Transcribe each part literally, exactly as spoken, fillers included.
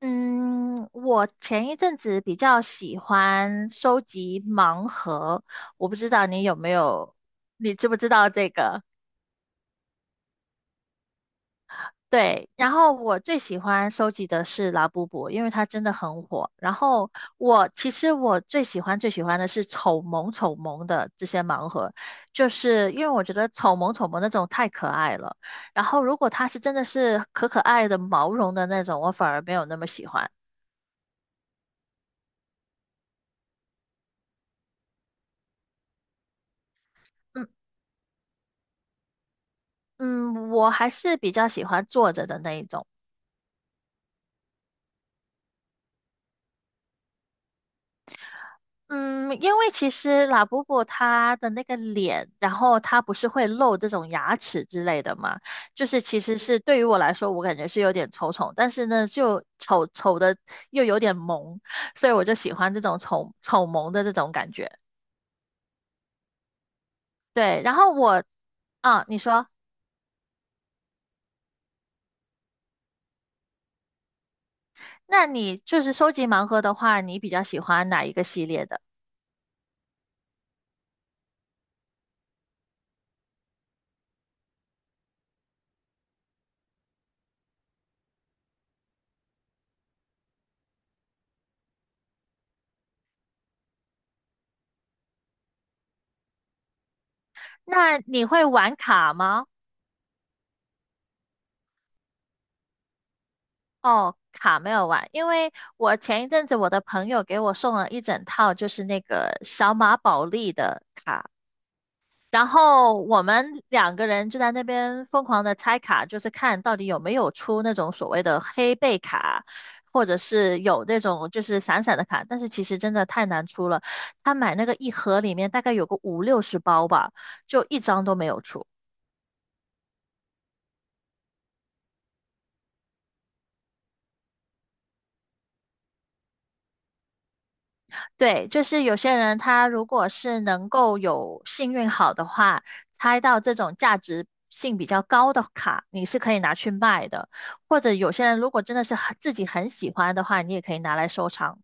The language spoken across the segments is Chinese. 嗯，我前一阵子比较喜欢收集盲盒，我不知道你有没有，你知不知道这个？对，然后我最喜欢收集的是拉布布，因为它真的很火。然后我其实我最喜欢最喜欢的是丑萌丑萌的这些盲盒，就是因为我觉得丑萌丑萌那种太可爱了。然后如果它是真的是可可爱的毛绒的那种，我反而没有那么喜欢。嗯。嗯，我还是比较喜欢坐着的那一种。嗯，因为其实拉布布它的那个脸，然后它不是会露这种牙齿之类的嘛，就是其实是对于我来说，我感觉是有点丑丑，但是呢，就丑丑的又有点萌，所以我就喜欢这种丑丑萌的这种感觉。对，然后我啊，你说，那你就是收集盲盒的话，你比较喜欢哪一个系列的？那你会玩卡吗？哦，卡没有玩，因为我前一阵子我的朋友给我送了一整套，就是那个小马宝莉的卡，然后我们两个人就在那边疯狂的拆卡，就是看到底有没有出那种所谓的黑背卡，或者是有那种就是闪闪的卡，但是其实真的太难出了，他买那个一盒里面大概有个五六十包吧，就一张都没有出。对，就是有些人他如果是能够有幸运好的话，猜到这种价值性比较高的卡，你是可以拿去卖的。或者有些人如果真的是很自己很喜欢的话，你也可以拿来收藏。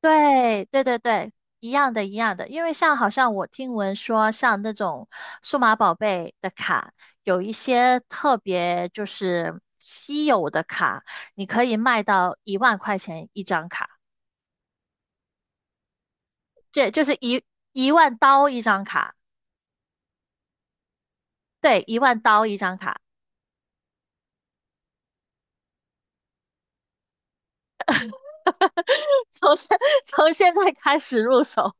对，对对对，一样的，一样的。因为像好像我听闻说，像那种数码宝贝的卡，有一些特别就是稀有的卡，你可以卖到一万块钱一张卡。对，就是一一万刀一张卡，对，一万刀一张卡，从现从现在开始入手。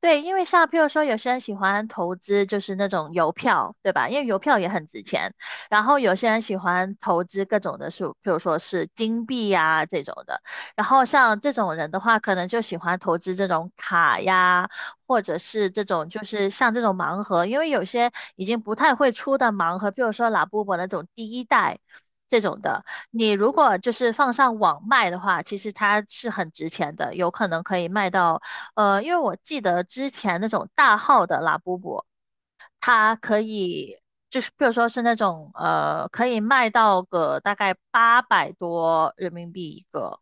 对，因为像譬如说，有些人喜欢投资就是那种邮票，对吧？因为邮票也很值钱。然后有些人喜欢投资各种的数，譬如说是金币呀、这种的。然后像这种人的话，可能就喜欢投资这种卡呀，或者是这种就是像这种盲盒，因为有些已经不太会出的盲盒，譬如说拉布布那种第一代。这种的，你如果就是放上网卖的话，其实它是很值钱的，有可能可以卖到呃，因为我记得之前那种大号的拉布布，它可以就是比如说是那种呃，可以卖到个大概八百多人民币一个。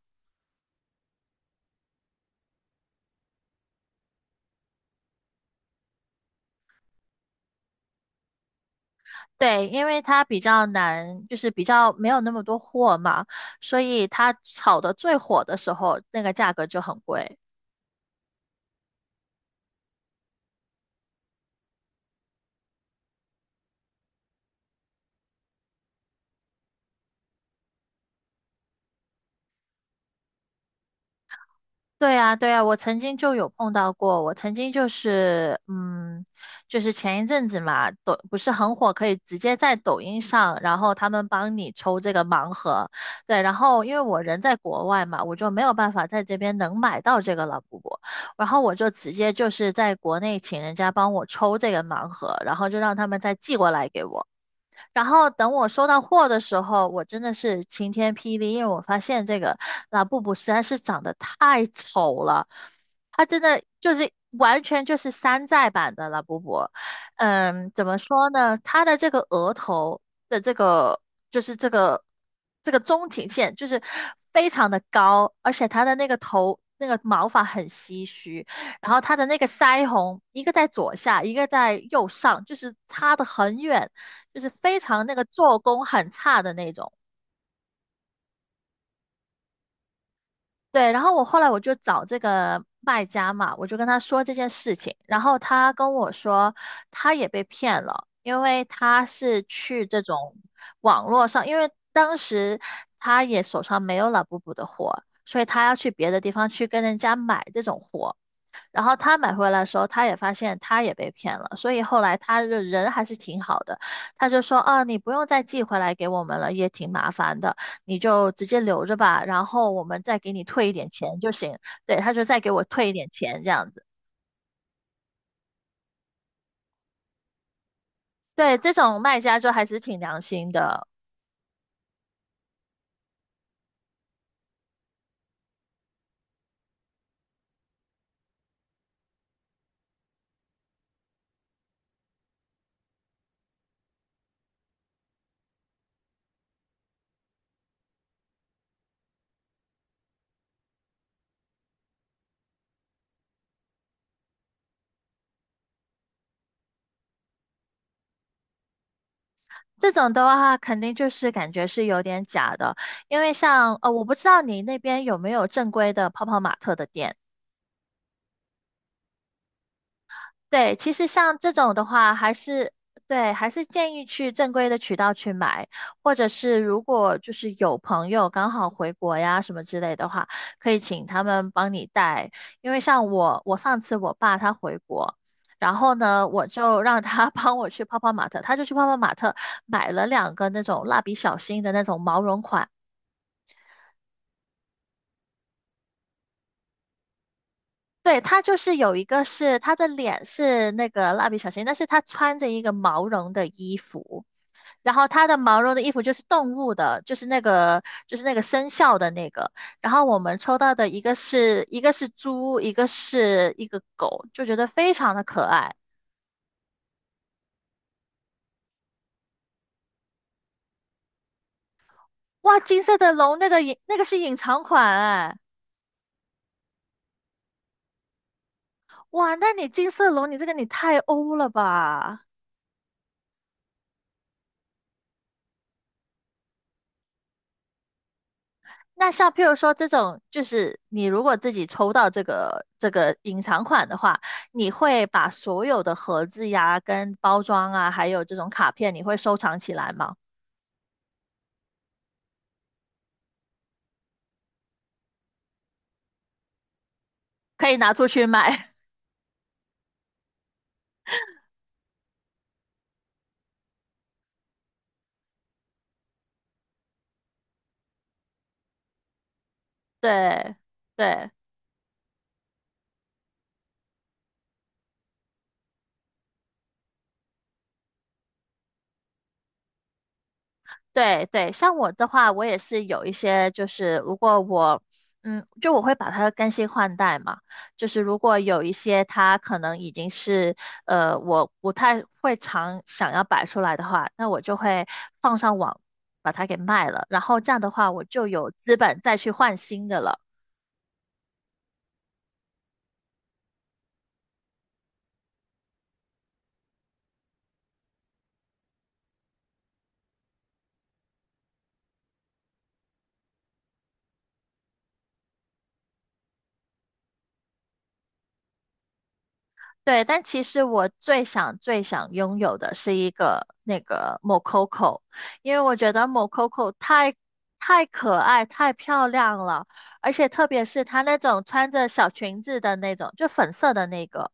对，因为它比较难，就是比较没有那么多货嘛，所以它炒的最火的时候，那个价格就很贵。对啊，对啊，我曾经就有碰到过。我曾经就是，嗯，就是前一阵子嘛，抖不是很火，可以直接在抖音上，然后他们帮你抽这个盲盒。对，然后因为我人在国外嘛，我就没有办法在这边能买到这个老布布，然后我就直接就是在国内请人家帮我抽这个盲盒，然后就让他们再寄过来给我。然后等我收到货的时候，我真的是晴天霹雳，因为我发现这个拉布布实在是长得太丑了，它真的就是完全就是山寨版的拉布布。嗯，怎么说呢？它的这个额头的这个就是这个这个中庭线就是非常的高，而且它的那个头那个毛发很稀疏。然后他的那个腮红，一个在左下，一个在右上，就是差得很远，就是非常那个做工很差的那种。对，然后我后来我就找这个卖家嘛，我就跟他说这件事情，然后他跟我说他也被骗了，因为他是去这种网络上，因为当时他也手上没有 l a b 的货，所以他要去别的地方去跟人家买这种货。然后他买回来的时候，他也发现他也被骗了，所以后来他的人还是挺好的，他就说啊，你不用再寄回来给我们了，也挺麻烦的，你就直接留着吧，然后我们再给你退一点钱就行。对，他就再给我退一点钱这样子。对，这种卖家就还是挺良心的。这种的话，肯定就是感觉是有点假的，因为像呃，我不知道你那边有没有正规的泡泡玛特的店。对，其实像这种的话，还是对，还是建议去正规的渠道去买，或者是如果就是有朋友刚好回国呀什么之类的话，可以请他们帮你带。因为像我，我上次我爸他回国，然后呢，我就让他 帮我去泡泡玛特，他就去泡泡玛特买了两个那种蜡笔小新的那种毛绒款。对，他就是有一个是他的脸是那个蜡笔小新，但是他穿着一个毛绒的衣服。然后它的毛绒的衣服就是动物的，就是那个就是那个生肖的那个。然后我们抽到的一个是一个是猪，一个是一个狗，就觉得非常的可爱。哇，金色的龙那个隐那个是隐藏款哎，哇，那你金色龙你这个你太欧了吧？那像譬如说这种，就是你如果自己抽到这个这个隐藏款的话，你会把所有的盒子呀、跟包装啊，还有这种卡片，你会收藏起来吗？可以拿出去卖。对，对，对，对，像我的话，我也是有一些，就是如果我，嗯，就我会把它更新换代嘛。就是如果有一些它可能已经是，呃，我不太会常想要摆出来的话，那我就会放上网把它给卖了。然后这样的话，我就有资本再去换新的了。对，但其实我最想最想拥有的是一个那个 Mococo,因为我觉得 Mococo 太太可爱、太漂亮了，而且特别是她那种穿着小裙子的那种，就粉色的那个，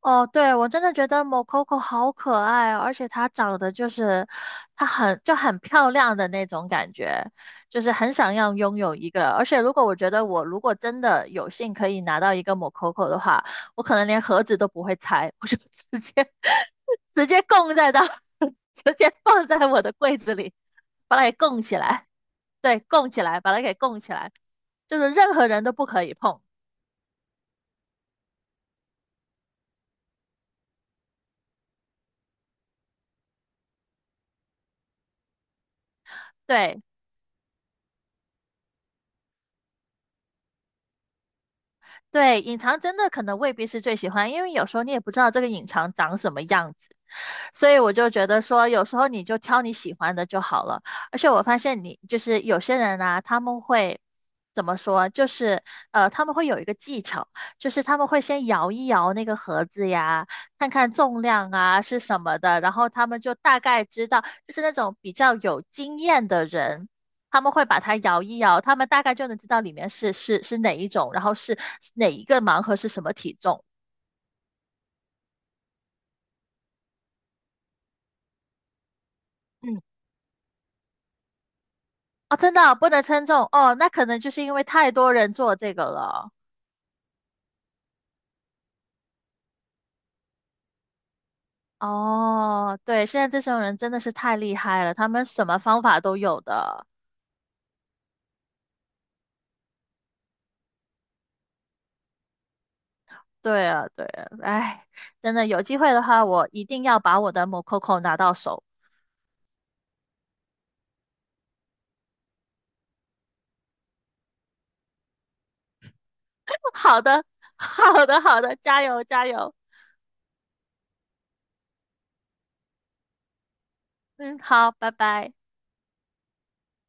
哦，对，我真的觉得某 o c o c o 好可爱哦，而且它长得就是，它很就很漂亮的那种感觉，就是很想要拥有一个。而且如果我觉得我如果真的有幸可以拿到一个某 o c o c o 的话，我可能连盒子都不会拆，我就直接 直接供在到，直接放在我的柜子里，把它给供起来。对，供起来，把它给供起来，就是任何人都不可以碰。对，对，隐藏真的可能未必是最喜欢，因为有时候你也不知道这个隐藏长什么样子。所以我就觉得说，有时候你就挑你喜欢的就好了。而且我发现你就是有些人啊，他们会怎么说？就是呃，他们会有一个技巧，就是他们会先摇一摇那个盒子呀，看看重量啊是什么的，然后他们就大概知道，就是那种比较有经验的人。他们会把它摇一摇，他们大概就能知道里面是是是哪一种，然后是哪一个盲盒是什么体重。嗯哦，真的哦不能称重哦，那可能就是因为太多人做这个了。哦，对，现在这种人真的是太厉害了，他们什么方法都有的。对啊，对啊，哎，真的有机会的话，我一定要把我的 Mococo 拿到手。好的，好的，好的，加油，加油。嗯，好，拜拜。